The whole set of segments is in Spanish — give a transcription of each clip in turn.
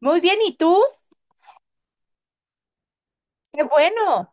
Muy bien, ¿y tú? Qué bueno,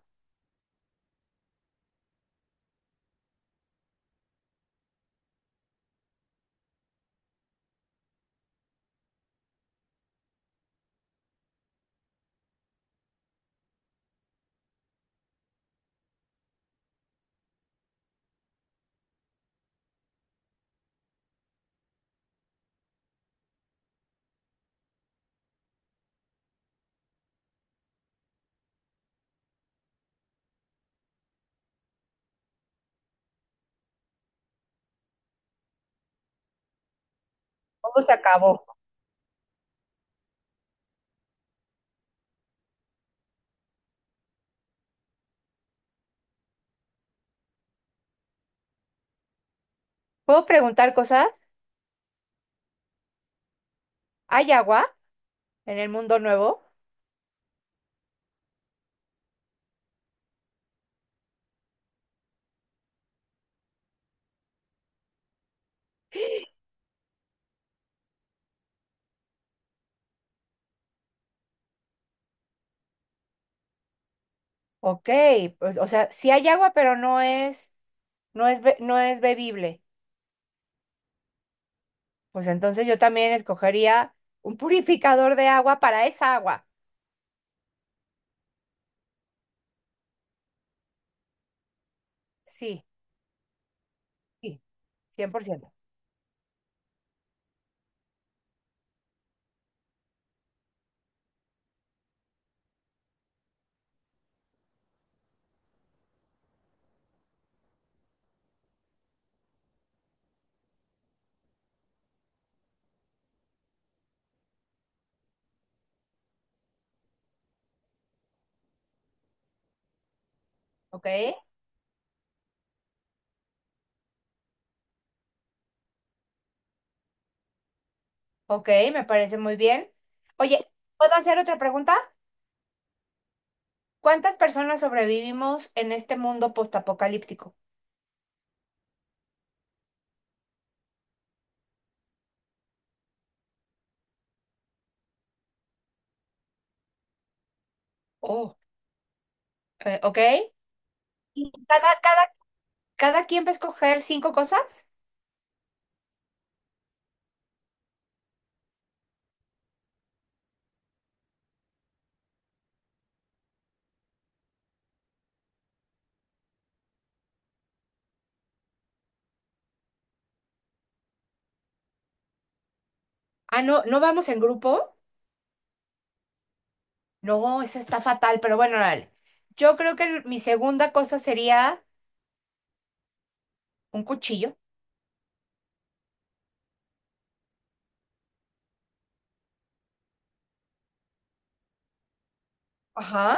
todo se acabó. ¿Puedo preguntar cosas? ¿Hay agua en el mundo nuevo? Ok, pues, o sea, sí hay agua, pero no es bebible. Pues entonces yo también escogería un purificador de agua para esa agua. Sí, sí, 100%. Ok, ok, me parece muy bien. Oye, ¿puedo hacer otra pregunta? ¿Cuántas personas sobrevivimos en este mundo postapocalíptico? Oh, ok. Y cada, cada Cada quien va a escoger cinco cosas. Ah, no, no vamos en grupo. No, eso está fatal, pero bueno, dale. Yo creo que mi segunda cosa sería un cuchillo. Ajá.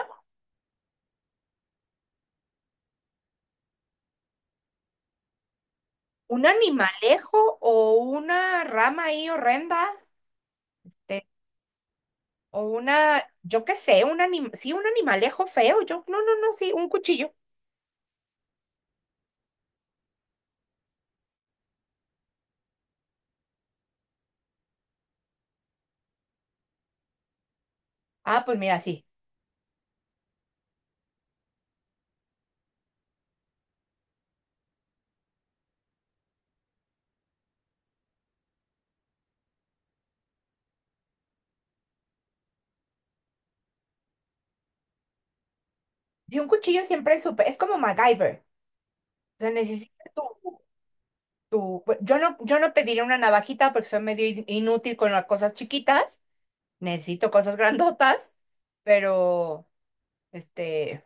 Un animalejo o una rama ahí horrenda. te- o una, yo qué sé, sí, un animalejo feo. Yo, no, no, no, sí, un cuchillo. Ah, pues mira, sí. Sí, un cuchillo siempre es súper, es como MacGyver. O sea, necesitas tu, yo no pediría una navajita porque soy medio inútil con las cosas chiquitas. Necesito cosas grandotas, pero este,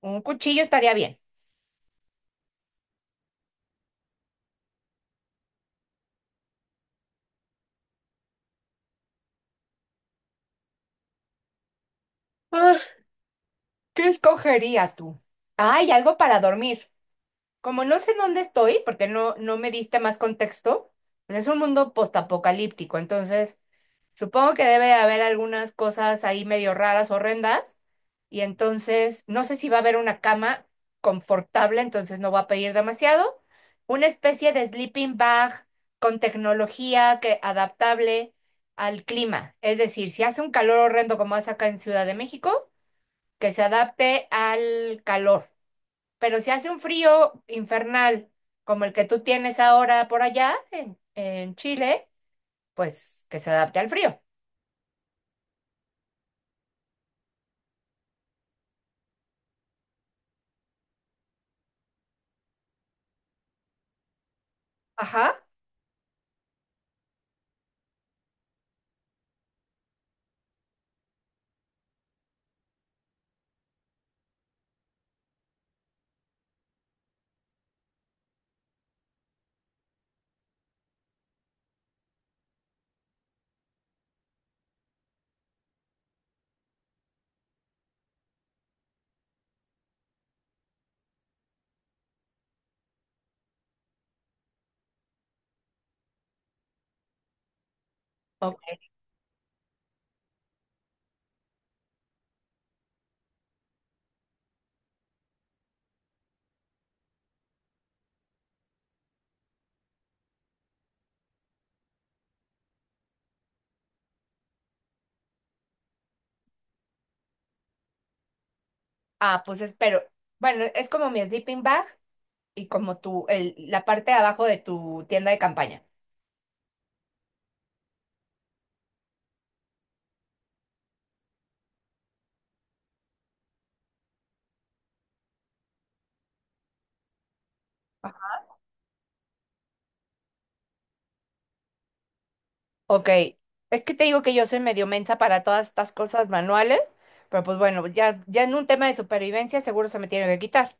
un cuchillo estaría bien. Ah, ¿qué escogería tú? Ay, algo para dormir. Como no sé dónde estoy, porque no me diste más contexto, pues es un mundo postapocalíptico, entonces supongo que debe de haber algunas cosas ahí medio raras, horrendas, y entonces no sé si va a haber una cama confortable, entonces no va a pedir demasiado. Una especie de sleeping bag con tecnología que adaptable al clima. Es decir, si hace un calor horrendo como hace acá en Ciudad de México, que se adapte al calor. Pero si hace un frío infernal como el que tú tienes ahora por allá en, Chile, pues que se adapte al frío. Ajá. Ok. Ah, pues espero. Bueno, es como mi sleeping bag y como la parte de abajo de tu tienda de campaña. Ajá. Ok, es que te digo que yo soy medio mensa para todas estas cosas manuales, pero pues bueno, ya, ya en un tema de supervivencia seguro se me tiene que quitar.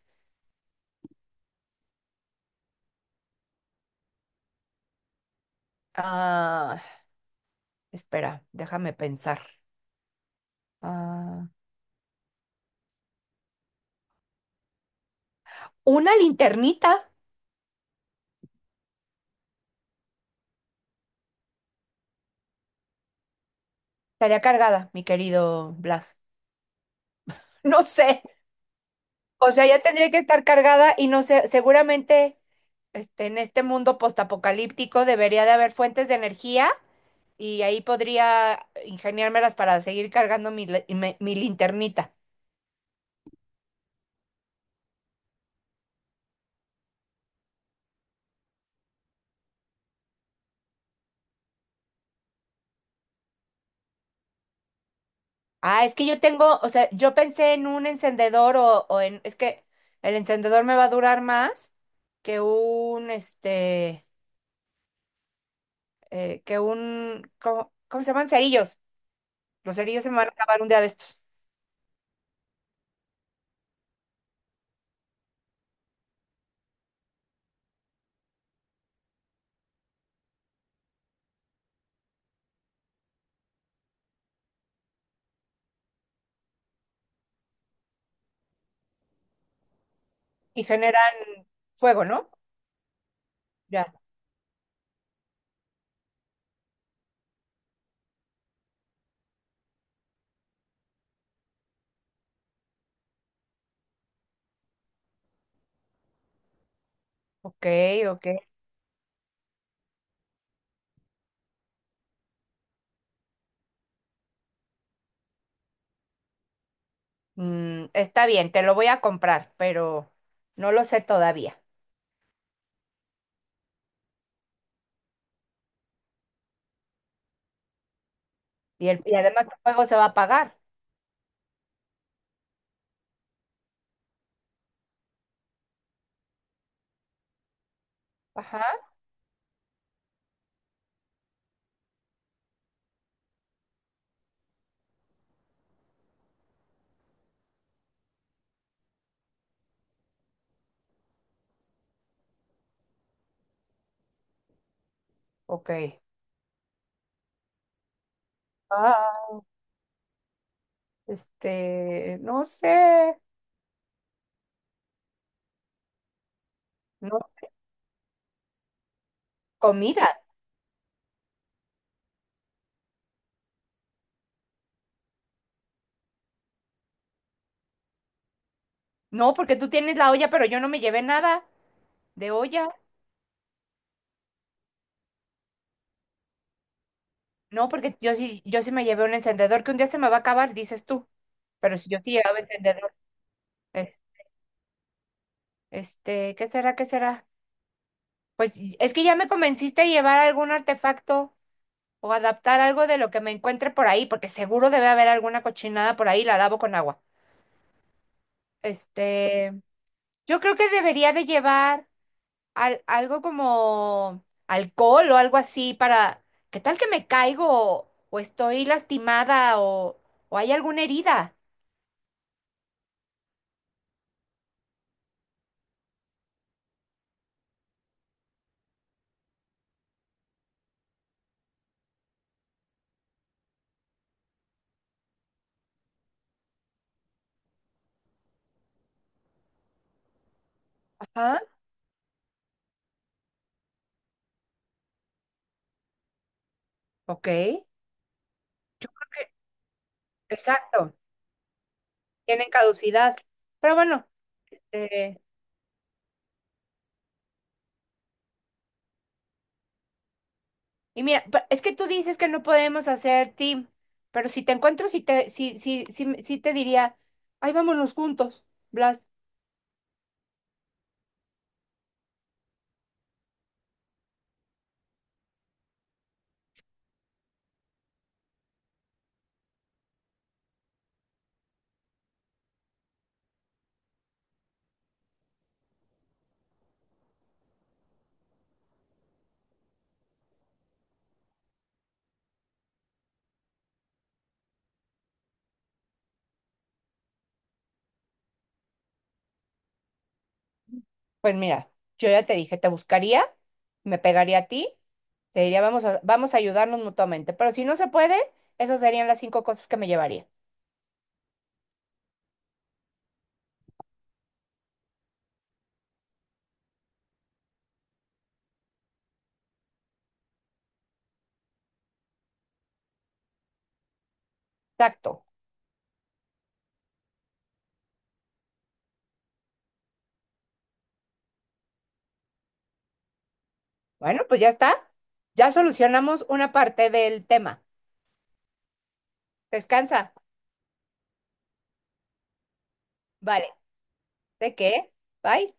Ah, espera, déjame pensar. Ah, una linternita estaría cargada, mi querido Blas. No sé, o sea, ya tendría que estar cargada y no sé, seguramente en este mundo postapocalíptico debería de haber fuentes de energía y ahí podría ingeniármelas para seguir cargando mi linternita. Ah, es que yo tengo, o sea, yo pensé en un encendedor o en, es que el encendedor me va a durar más que un, ¿cómo se llaman? Cerillos. Los cerillos se me van a acabar un día de estos y generan fuego, ¿no? Ya. Ok, ok. Está bien, te lo voy a comprar, pero no lo sé todavía. Y además el juego se va a pagar. Ajá, ok. Ah, no sé, no, comida. No, porque tú tienes la olla, pero yo no me llevé nada de olla. No, porque yo sí me llevé un encendedor que un día se me va a acabar, dices tú. Pero si yo sí llevaba encendedor, es, ¿qué será? ¿Qué será? Pues es que ya me convenciste a llevar algún artefacto. O adaptar algo de lo que me encuentre por ahí, porque seguro debe haber alguna cochinada por ahí, la lavo con agua. Este, yo creo que debería de llevar algo como alcohol o algo así para, ¿qué tal que me caigo o estoy lastimada o hay alguna herida? Ajá, ok. Exacto, tienen caducidad. Pero bueno, eh, y mira, es que tú dices que no podemos hacer team, pero si te encuentro, sí te, sí, sí, sí, sí te diría, ay, vámonos juntos, Blas. Pues mira, yo ya te dije, te buscaría, me pegaría a ti, te diría, vamos a ayudarnos mutuamente. Pero si no se puede, esas serían las cinco cosas que me llevaría. Exacto. Bueno, pues ya está. Ya solucionamos una parte del tema. Descansa. Vale. ¿De qué? Bye.